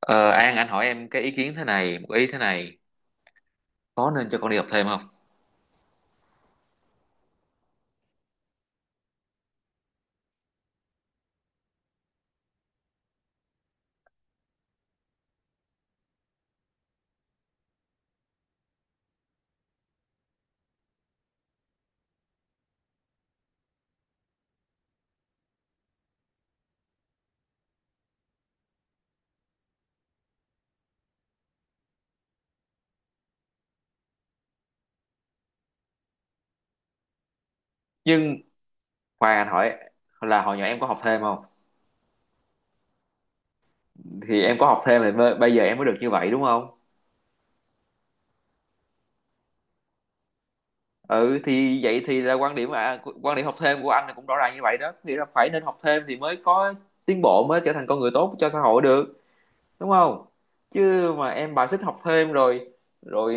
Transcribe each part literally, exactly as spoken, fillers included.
Ờ, An anh hỏi em cái ý kiến thế này, một ý thế này: có nên cho con đi học thêm không? Nhưng khoan, anh hỏi là hồi nhỏ em có học thêm không? Thì em có học thêm thì mới- bây giờ em mới được như vậy, đúng không? Ừ, thì vậy thì là quan điểm, à, quan điểm học thêm của anh là cũng rõ ràng như vậy đó, nghĩa là phải nên học thêm thì mới có tiến bộ, mới trở thành con người tốt cho xã hội được, đúng không? Chứ mà em bài xích học thêm rồi rồi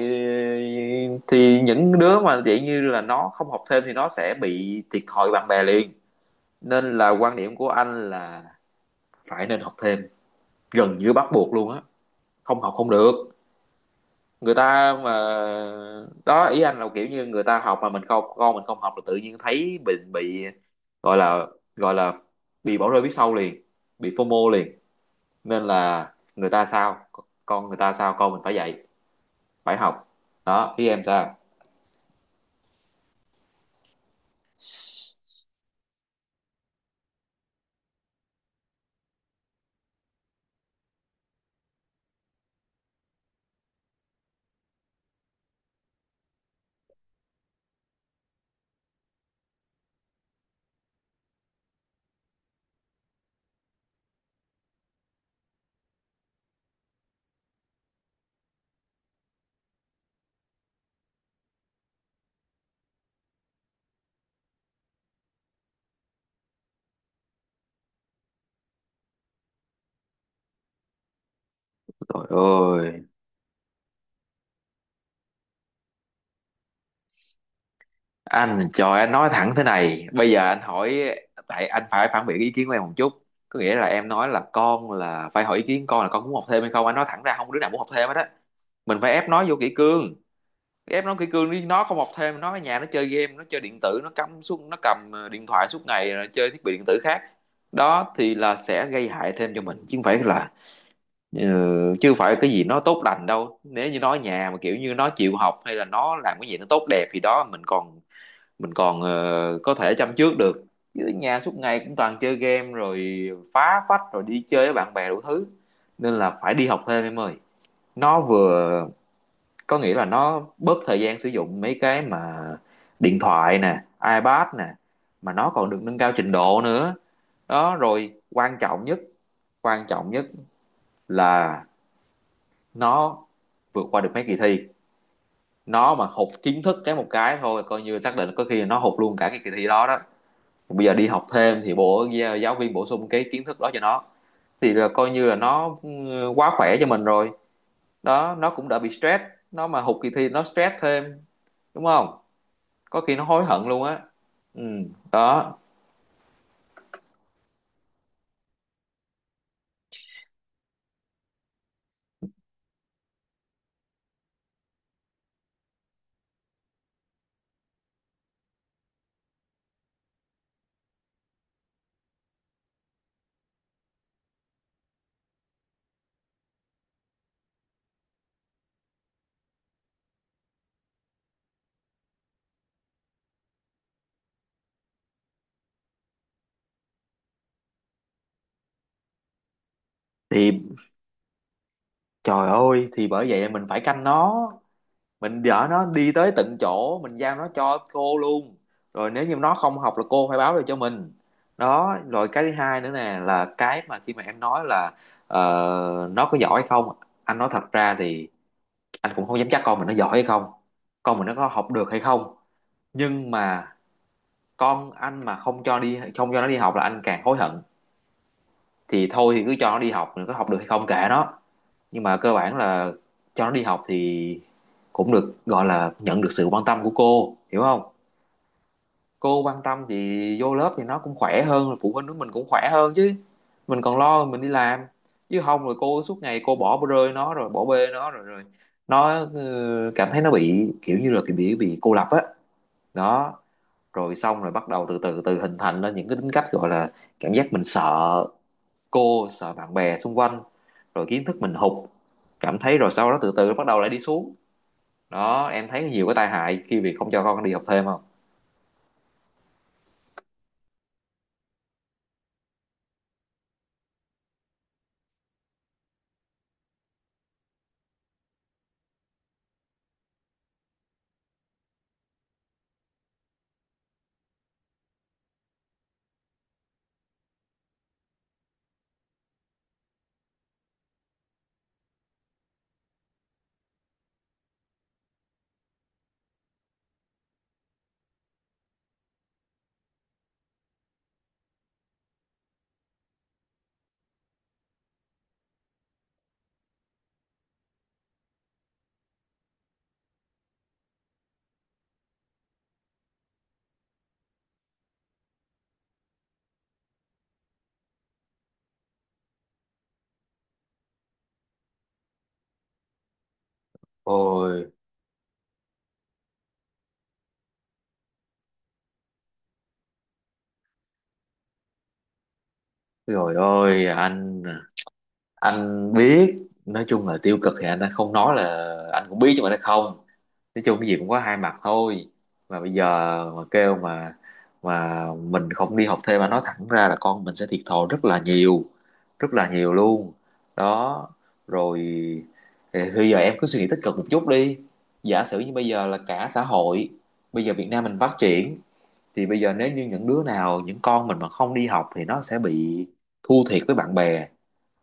thì những đứa mà kiểu như là nó không học thêm thì nó sẽ bị thiệt thòi bạn bè liền. Nên là quan điểm của anh là phải nên học thêm, gần như bắt buộc luôn á, không học không được. Người ta mà, đó, ý anh là kiểu như người ta học mà mình không, con mình không học là tự nhiên thấy mình bị gọi là gọi là bị bỏ rơi phía sau liền, bị phô mô liền. Nên là người ta sao, con người ta sao con mình phải dạy, phải học. Đó, ý em sao? Trời ơi, anh trời anh nói thẳng thế này, bây giờ anh hỏi, tại anh phải phản biện ý kiến của em một chút. Có nghĩa là em nói là con là phải hỏi ý kiến con, là con muốn học thêm hay không. Anh nói thẳng ra, không có đứa nào muốn học thêm hết á. Mình phải ép nó vô kỷ cương, ép nó kỷ cương đi, nó không học thêm nó ở nhà nó chơi game, nó chơi điện tử, nó cắm suốt, nó cầm ờ, điện thoại suốt ngày, rồi chơi thiết bị điện tử khác. Đó thì là sẽ gây hại thêm cho mình chứ không phải là ờ, chứ không phải cái gì nó tốt lành đâu. Nếu như nó ở nhà mà kiểu như nó chịu học hay là nó làm cái gì nó tốt đẹp thì đó mình còn, mình còn ờ, có thể chăm trước được. Chứ ở nhà suốt ngày cũng toàn chơi game rồi phá phách rồi đi chơi với bạn bè đủ thứ. Nên là phải đi học thêm em ơi. Nó vừa có nghĩa là nó bớt thời gian sử dụng mấy cái mà điện thoại nè, iPad nè, mà nó còn được nâng cao trình độ nữa. Đó, rồi quan trọng nhất, quan trọng nhất là nó vượt qua được mấy kỳ thi. Nó mà hụt kiến thức cái một cái thôi coi như xác định, có khi là nó hụt luôn cả cái kỳ thi đó đó. Bây giờ đi học thêm thì bộ giáo viên bổ sung cái kiến thức đó cho nó thì là coi như là nó, ừ, quá khỏe cho mình rồi. Đó, nó cũng đỡ bị stress. Nó mà hụt kỳ thi nó stress thêm, đúng không? Có khi nó hối hận luôn á. Ừ. Đó thì, trời ơi, thì bởi vậy mình phải canh nó. Mình dở nó đi tới tận chỗ, mình giao nó cho cô luôn. Rồi nếu như nó không học là cô phải báo lại cho mình. Đó, rồi cái thứ hai nữa nè, là cái mà khi mà em nói là ờ, nó có giỏi hay không. Anh nói thật ra thì anh cũng không dám chắc con mình nó giỏi hay không, con mình nó có học được hay không. Nhưng mà con anh mà không cho đi, không cho nó đi học là anh càng hối hận. Thì thôi thì cứ cho nó đi học, mình có học được hay không kệ nó. Nhưng mà cơ bản là cho nó đi học thì cũng được gọi là nhận được sự quan tâm của cô, hiểu không? Cô quan tâm thì vô lớp thì nó cũng khỏe hơn, phụ huynh của mình cũng khỏe hơn chứ, mình còn lo mình đi làm. Chứ không rồi cô suốt ngày cô bỏ rơi nó rồi bỏ bê nó rồi rồi nó ừ, cảm thấy nó bị kiểu như là cái bị, bị cô lập á. Đó, rồi xong rồi bắt đầu từ từ từ hình thành lên những cái tính cách, gọi là cảm giác mình sợ cô, sợ bạn bè xung quanh, rồi kiến thức mình hụt cảm thấy, rồi sau đó từ từ nó bắt đầu lại đi xuống. Đó, em thấy nhiều cái tai hại khi việc không cho con đi học thêm không? Ôi, rồi, ôi anh anh biết. Nói chung là tiêu cực thì anh đã không nói, là anh cũng biết chứ, mà nó không... Nói chung cái gì cũng có hai mặt thôi. Mà bây giờ, mà kêu mà mà mình không đi học thêm mà nói thẳng ra là con mình sẽ thiệt thòi rất là nhiều, rất là nhiều luôn. Đó, rồi thì bây giờ em cứ suy nghĩ tích cực một chút đi. Giả sử như bây giờ là cả xã hội, bây giờ Việt Nam mình phát triển, thì bây giờ nếu như những đứa nào, những con mình mà không đi học thì nó sẽ bị thua thiệt với bạn bè,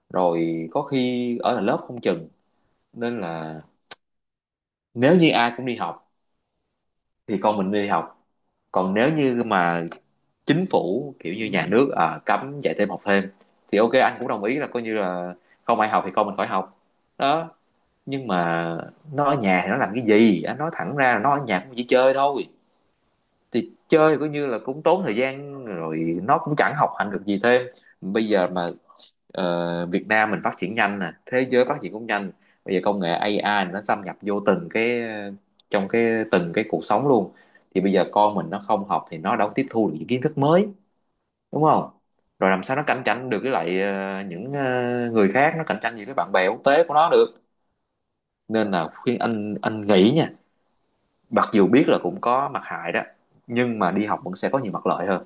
rồi có khi ở là lớp không chừng. Nên là nếu như ai cũng đi học thì con mình đi học. Còn nếu như mà chính phủ kiểu như nhà nước, à, cấm dạy thêm học thêm thì ok, anh cũng đồng ý là coi như là không ai học thì con mình khỏi học. Đó, nhưng mà nó ở nhà thì nó làm cái gì? Anh nói thẳng ra là nó ở nhà cũng chỉ chơi thôi. Thì chơi coi như là cũng tốn thời gian rồi, nó cũng chẳng học hành được gì thêm. Bây giờ mà, Ờ, Việt Nam mình phát triển nhanh nè, thế giới phát triển cũng nhanh. Bây giờ công nghệ a i nó xâm nhập vô từng cái, trong cái từng cái cuộc sống luôn. Thì bây giờ con mình nó không học thì nó đâu có tiếp thu được những kiến thức mới, đúng không? Rồi làm sao nó cạnh tranh được với lại ờ, những ờ, người khác, nó cạnh tranh gì với bạn bè quốc tế của nó được. Nên là khuyên anh anh nghĩ nha, mặc dù biết là cũng có mặt hại đó nhưng mà đi học vẫn sẽ có nhiều mặt lợi hơn.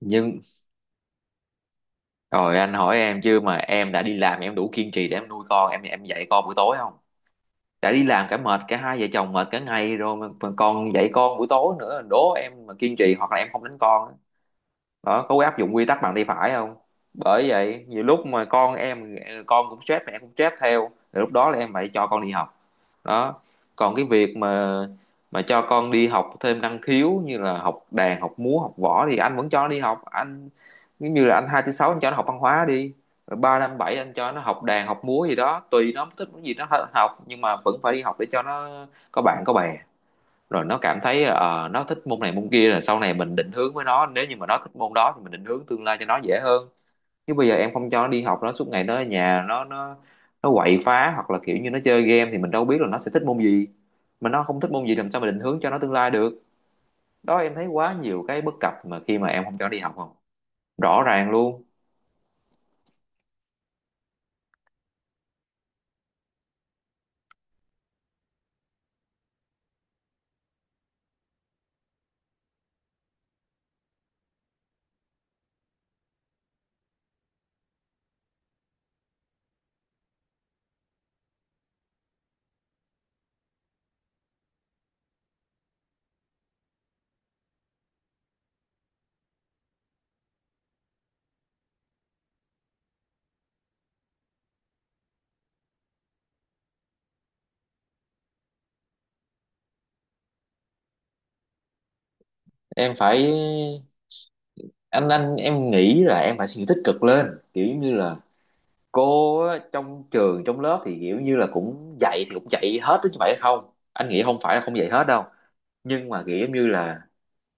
Nhưng rồi anh hỏi em chứ, mà em đã đi làm, em đủ kiên trì để em nuôi con em, em dạy con buổi tối không? Đã đi làm cả mệt, cả hai vợ chồng mệt cả ngày rồi mà, mà còn dạy con buổi tối nữa, đố em mà kiên trì hoặc là em không đánh con. Đó có áp dụng quy tắc bằng tay phải không? Bởi vậy nhiều lúc mà con em con cũng stress, mẹ cũng stress theo, thì lúc đó là em phải cho con đi học. Đó, còn cái việc mà, mà cho con đi học thêm năng khiếu như là học đàn, học múa, học võ thì anh vẫn cho nó đi học anh. Giống như là anh hai thứ sáu anh cho nó học văn hóa đi, rồi ba năm bảy anh cho nó học đàn, học múa gì đó tùy nó thích cái gì nó học. Nhưng mà vẫn phải đi học để cho nó có bạn có bè, rồi nó cảm thấy ờ, nó thích môn này môn kia, rồi sau này mình định hướng với nó, nếu như mà nó thích môn đó thì mình định hướng tương lai cho nó dễ hơn. Chứ bây giờ em không cho nó đi học nó suốt ngày nó ở nhà nó, nó nó quậy phá hoặc là kiểu như nó chơi game thì mình đâu biết là nó sẽ thích môn gì. Mà nó không thích môn gì làm sao mà định hướng cho nó tương lai được. Đó, em thấy quá nhiều cái bất cập mà khi mà em không cho nó đi học không? Rõ ràng luôn. Em phải anh anh em nghĩ là em phải suy nghĩ tích cực lên. Kiểu như là cô á, trong trường trong lớp thì kiểu như là cũng dạy thì cũng dạy hết chứ, phải không? Anh nghĩ không phải là không dạy hết đâu. Nhưng mà kiểu như là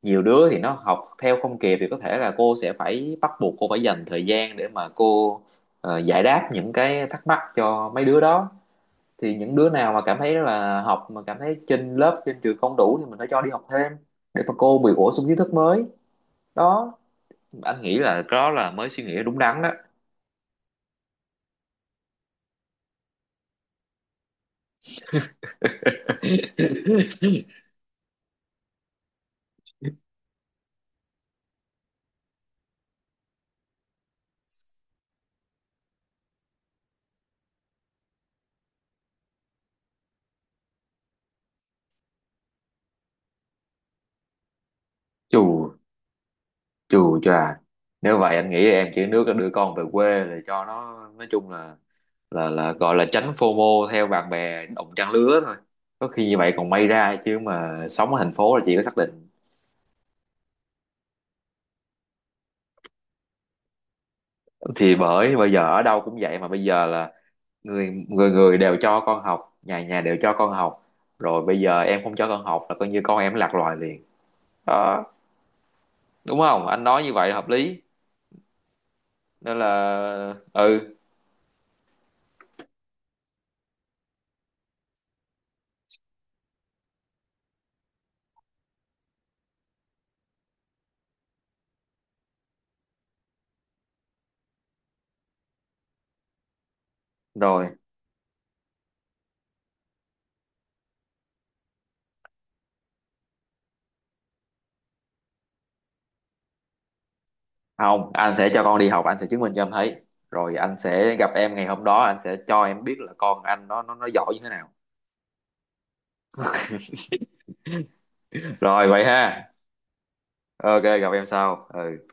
nhiều đứa thì nó học theo không kịp thì có thể là cô sẽ phải bắt buộc cô phải dành thời gian để mà cô ờ, giải đáp những cái thắc mắc cho mấy đứa đó. Thì những đứa nào mà cảm thấy là học mà cảm thấy trên lớp trên trường không đủ thì mình phải cho đi học thêm để mà cô bị bổ sung kiến thức mới. Đó, anh nghĩ là đó là mới suy nghĩ đúng đắn đó. chù Chù chà, nếu vậy anh nghĩ em chỉ nước là đưa con về quê để cho nó nói chung là, là là gọi là tránh phô mô theo bạn bè đồng trang lứa thôi. Có khi như vậy còn may ra, chứ mà sống ở thành phố là chỉ có xác định. Thì bởi bây giờ ở đâu cũng vậy mà, bây giờ là người người người đều cho con học, nhà nhà đều cho con học. Rồi bây giờ em không cho con học là coi như con em lạc loài liền. Đó, đúng không? Anh nói như vậy là hợp lý. Nên là, ừ, rồi, không, anh sẽ cho con đi học, anh sẽ chứng minh cho em thấy. Rồi anh sẽ gặp em ngày hôm đó, anh sẽ cho em biết là con anh nó nó nó giỏi như thế nào. Rồi vậy ha, ok, gặp em sau, ừ.